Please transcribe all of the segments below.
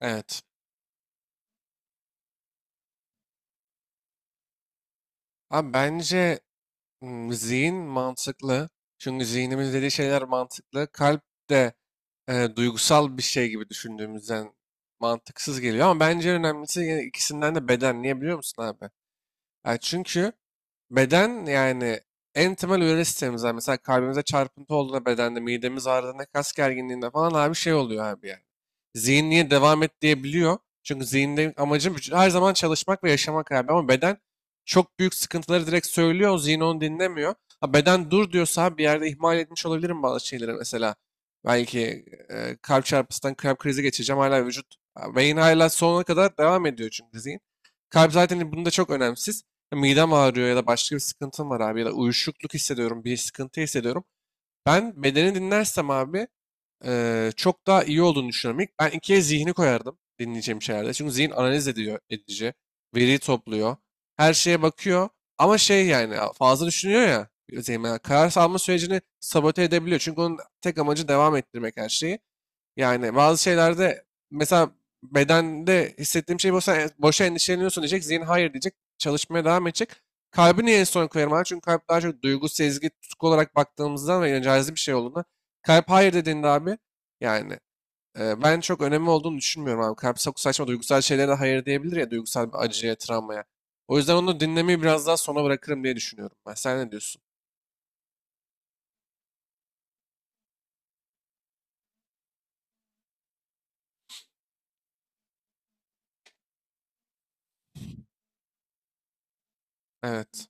Evet. Abi bence zihin mantıklı. Çünkü zihnimiz dediği şeyler mantıklı. Kalp de duygusal bir şey gibi düşündüğümüzden mantıksız geliyor. Ama bence en önemlisi yine ikisinden de beden. Niye biliyor musun abi? Yani çünkü beden yani en temel hücre sistemimizden mesela kalbimize çarpıntı olduğunda bedende, midemiz ağrıdığında, kas gerginliğinde falan abi şey oluyor abi yani. Zihin niye devam et diyebiliyor. Çünkü zihinde amacı her zaman çalışmak ve yaşamak abi ama beden çok büyük sıkıntıları direkt söylüyor. Zihin onu dinlemiyor. Ha, beden dur diyorsa abi bir yerde ihmal etmiş olabilirim bazı şeyleri mesela. Belki kalp çarpısından kalp krizi geçeceğim hala vücut. Beyin hala sonuna kadar devam ediyor çünkü zihin. Kalp zaten bunda çok önemsiz. Midem ağrıyor ya da başka bir sıkıntım var abi ya da uyuşukluk hissediyorum, bir sıkıntı hissediyorum. Ben bedeni dinlersem abi çok daha iyi olduğunu düşünüyorum. İlk ben ikiye zihni koyardım dinleyeceğim şeylerde. Çünkü zihin analiz ediyor, edici, veri topluyor, her şeye bakıyor. Ama şey yani fazla düşünüyor ya, zihin, yani karar alma sürecini sabote edebiliyor. Çünkü onun tek amacı devam ettirmek her şeyi. Yani bazı şeylerde mesela bedende hissettiğim şey boşa, boşa endişeleniyorsun diyecek. Zihin hayır diyecek. Çalışmaya devam edecek. Kalbi niye en son koyarım abi? Çünkü kalp daha çok duygu, sezgi, tutku olarak baktığımızdan ve cazip bir şey olduğunda. Kalp hayır dediğinde abi yani ben çok önemli olduğunu düşünmüyorum abi. Kalp çok saçma duygusal şeylere de hayır diyebilir ya duygusal bir acıya, travmaya. O yüzden onu dinlemeyi biraz daha sona bırakırım diye düşünüyorum ben. Sen ne diyorsun? Evet.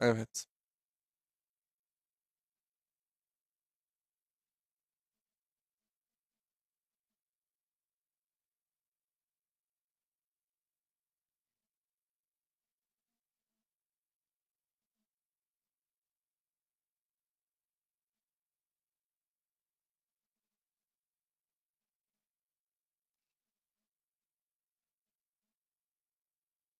Evet.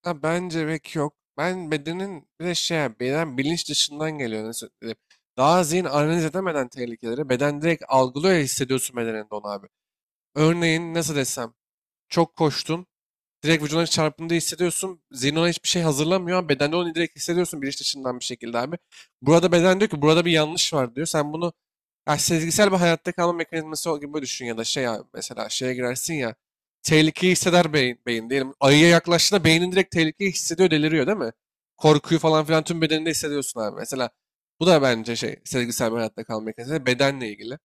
Ha, bence pek yok. Ben bedenin bir de şey yani beden bilinç dışından geliyor nasıl diyeyim. Daha zihin analiz edemeden tehlikeleri beden direkt algılıyor ya hissediyorsun bedeninde onu abi. Örneğin nasıl desem çok koştun direkt vücuduna çarpındığı hissediyorsun. Zihin ona hiçbir şey hazırlamıyor ama bedende onu direkt hissediyorsun bilinç dışından bir şekilde abi. Burada beden diyor ki burada bir yanlış var diyor. Sen bunu ya sezgisel bir hayatta kalma mekanizması gibi düşün ya da şey ya mesela şeye girersin ya tehlikeyi hisseder beyin, beyin diyelim. Ayıya yaklaştığında beynin direkt tehlikeyi hissediyor deliriyor değil mi? Korkuyu falan filan tüm bedeninde hissediyorsun abi. Mesela bu da bence şey sezgisel bir hayatta kalma mekanizması bedenle ilgili.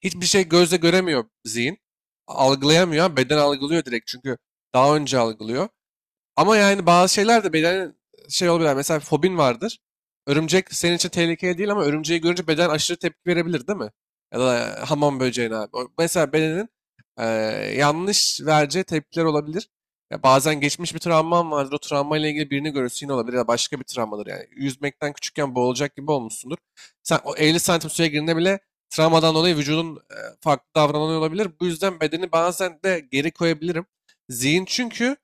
Hiçbir şey gözle göremiyor zihin. Algılayamıyor beden algılıyor direkt çünkü daha önce algılıyor. Ama yani bazı şeyler de beden şey olabilir. Mesela fobin vardır. Örümcek senin için tehlikeli değil ama örümceği görünce beden aşırı tepki verebilir değil mi? Ya da hamam böceğine abi. Mesela bedenin eee, yanlış vereceği tepkiler olabilir. Ya bazen geçmiş bir travman vardır. O travmayla ilgili birini görürsün yine olabilir ya da başka bir travmadır yani. Yüzmekten küçükken boğulacak gibi olmuşsundur. Sen o 50 santim suya girdiğinde bile travmadan dolayı vücudun farklı davranıyor olabilir. Bu yüzden bedeni bazen de geri koyabilirim. Zihin çünkü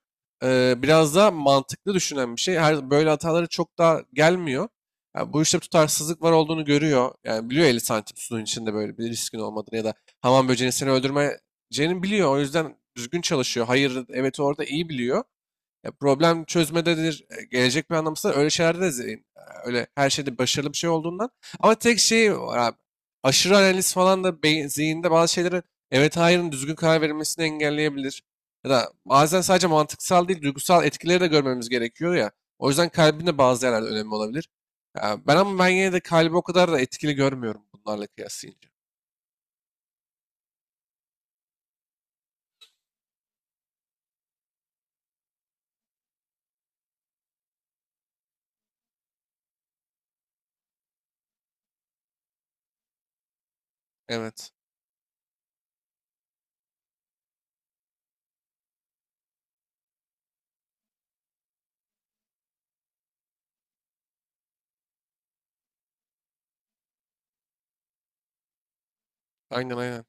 Biraz daha mantıklı düşünen bir şey. Her böyle hataları çok daha gelmiyor. Yani bu işte tutarsızlık var olduğunu görüyor. Yani biliyor 50 santim suyun içinde böyle bir riskin olmadığını ya da hamam böceğini seni öldürmeyeceğini biliyor. O yüzden düzgün çalışıyor. Hayır, evet orada iyi biliyor. Ya problem çözmededir, gelecek planlamasıdır. Öyle şeylerde de öyle her şeyde başarılı bir şey olduğundan. Ama tek şey var abi. Aşırı analiz falan da beyin, zihinde bazı şeylerin evet hayırın düzgün karar verilmesini engelleyebilir. Ya da bazen sadece mantıksal değil duygusal etkileri de görmemiz gerekiyor ya. O yüzden kalbin de bazı yerlerde önemli olabilir. Ya ben ama ben yine de kalbi o kadar da etkili görmüyorum bunlarla kıyaslayınca. Evet. Aynen, aynen.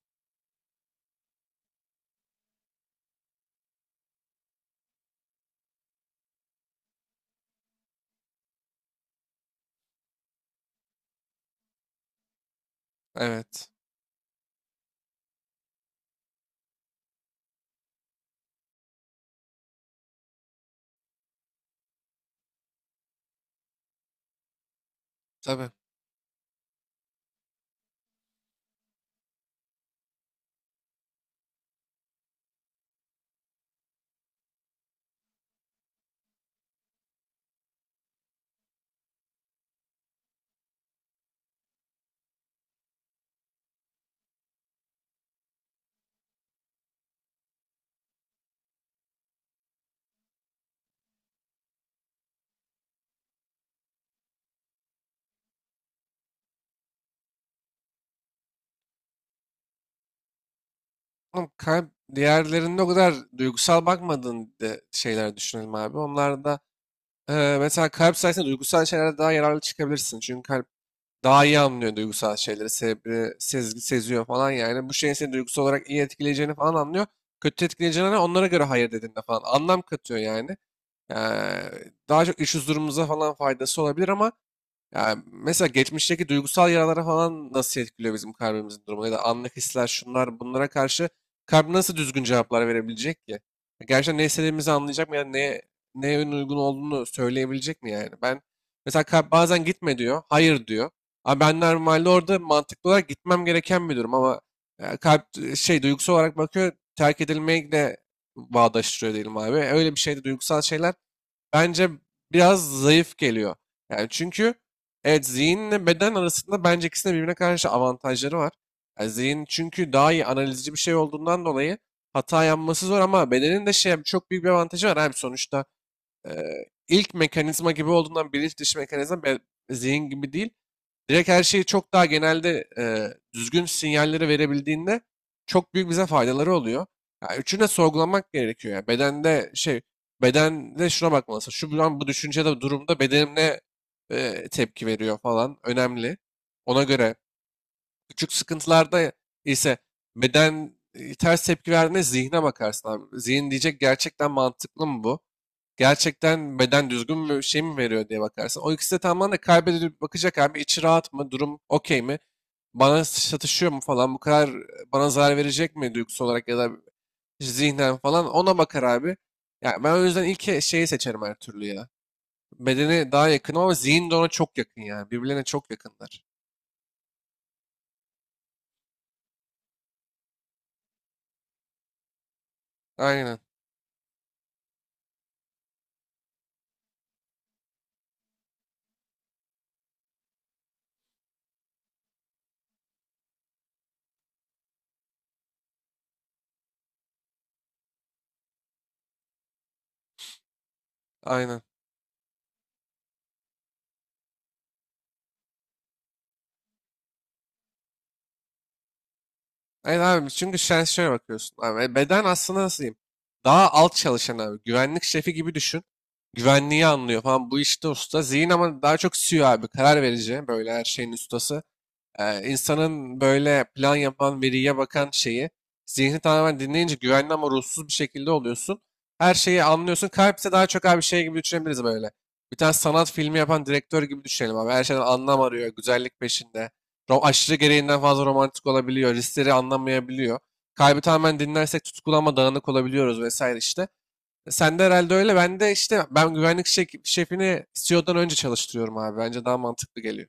Evet. Tabii. Oğlum, kalp, diğerlerinde o kadar duygusal bakmadığın de şeyler düşünelim abi. Onlarda mesela kalp sayesinde duygusal şeylere daha yararlı çıkabilirsin. Çünkü kalp daha iyi anlıyor duygusal şeyleri, sebebi, sezgi, seziyor falan yani. Bu şeyin seni duygusal olarak iyi etkileyeceğini falan anlıyor. Kötü etkileyeceğini onlara göre hayır dediğinde falan anlam katıyor yani. Ee, daha çok iş huzurumuza falan faydası olabilir ama yani mesela geçmişteki duygusal yaralara falan nasıl etkiliyor bizim kalbimizin durumu ya da anlık hisler şunlar bunlara karşı kalp nasıl düzgün cevaplar verebilecek ki? Gerçekten ne istediğimizi anlayacak mı ya neye en uygun olduğunu söyleyebilecek mi yani? Ben mesela kalp bazen gitme diyor, hayır diyor. Ama ben normalde orada mantıklı olarak gitmem gereken bir durum ama kalp şey duygusal olarak bakıyor terk edilmeyi de bağdaştırıyor diyelim abi. Öyle bir şeyde duygusal şeyler bence biraz zayıf geliyor. Yani çünkü evet zihinle beden arasında bence ikisinin birbirine karşı avantajları var. Yani zihin çünkü daha iyi analizci bir şey olduğundan dolayı hata yapması zor ama bedenin de şey çok büyük bir avantajı var. Hem sonuçta ilk mekanizma gibi olduğundan bilinç dışı mekanizma zihin gibi değil. Direkt her şeyi çok daha genelde düzgün sinyalleri verebildiğinde çok büyük bize faydaları oluyor. Ya üçünü de sorgulamak gerekiyor ya. Bedende şuna bakmalısın. Şu an bu düşüncede durumda bedenim ne tepki veriyor falan önemli. Ona göre küçük sıkıntılarda ise beden ters tepki verdiğinde zihne bakarsın abi. Zihin diyecek gerçekten mantıklı mı bu? Gerçekten beden düzgün mü şey mi veriyor diye bakarsın. O ikisi de tamamen de kaybedilip bakacak abi içi rahat mı durum okey mi bana satışıyor mu falan bu kadar bana zarar verecek mi duygusal olarak ya da zihnen falan ona bakar abi. Yani ben o yüzden ilk şeyi seçerim her türlü ya. Bedeni daha yakın ama zihin de ona çok yakın yani. Birbirlerine çok yakınlar. Aynen, aynen. Evet abi çünkü sen şöyle bakıyorsun abi. Beden aslında nasıl diyeyim? Daha alt çalışan abi. Güvenlik şefi gibi düşün. Güvenliği anlıyor falan. Bu işte usta. Zihin ama daha çok CEO abi. Karar verici. Böyle her şeyin ustası. İnsanın böyle plan yapan, veriye bakan şeyi zihni tamamen dinleyince güvenli ama ruhsuz bir şekilde oluyorsun. Her şeyi anlıyorsun. Kalp ise daha çok abi şey gibi düşünebiliriz böyle. Bir tane sanat filmi yapan direktör gibi düşünelim abi. Her şeyden anlam arıyor, güzellik peşinde. Aşırı gereğinden fazla romantik olabiliyor, riskleri anlamayabiliyor. Kalbi tamamen dinlersek tutkulu ama dağınık olabiliyoruz vesaire işte. Sen de herhalde öyle. Ben de işte ben güvenlik şefini CEO'dan önce çalıştırıyorum abi. Bence daha mantıklı geliyor.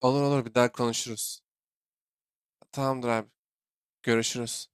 Olur, olur, bir daha konuşuruz. Tamamdır abi. Görüşürüz.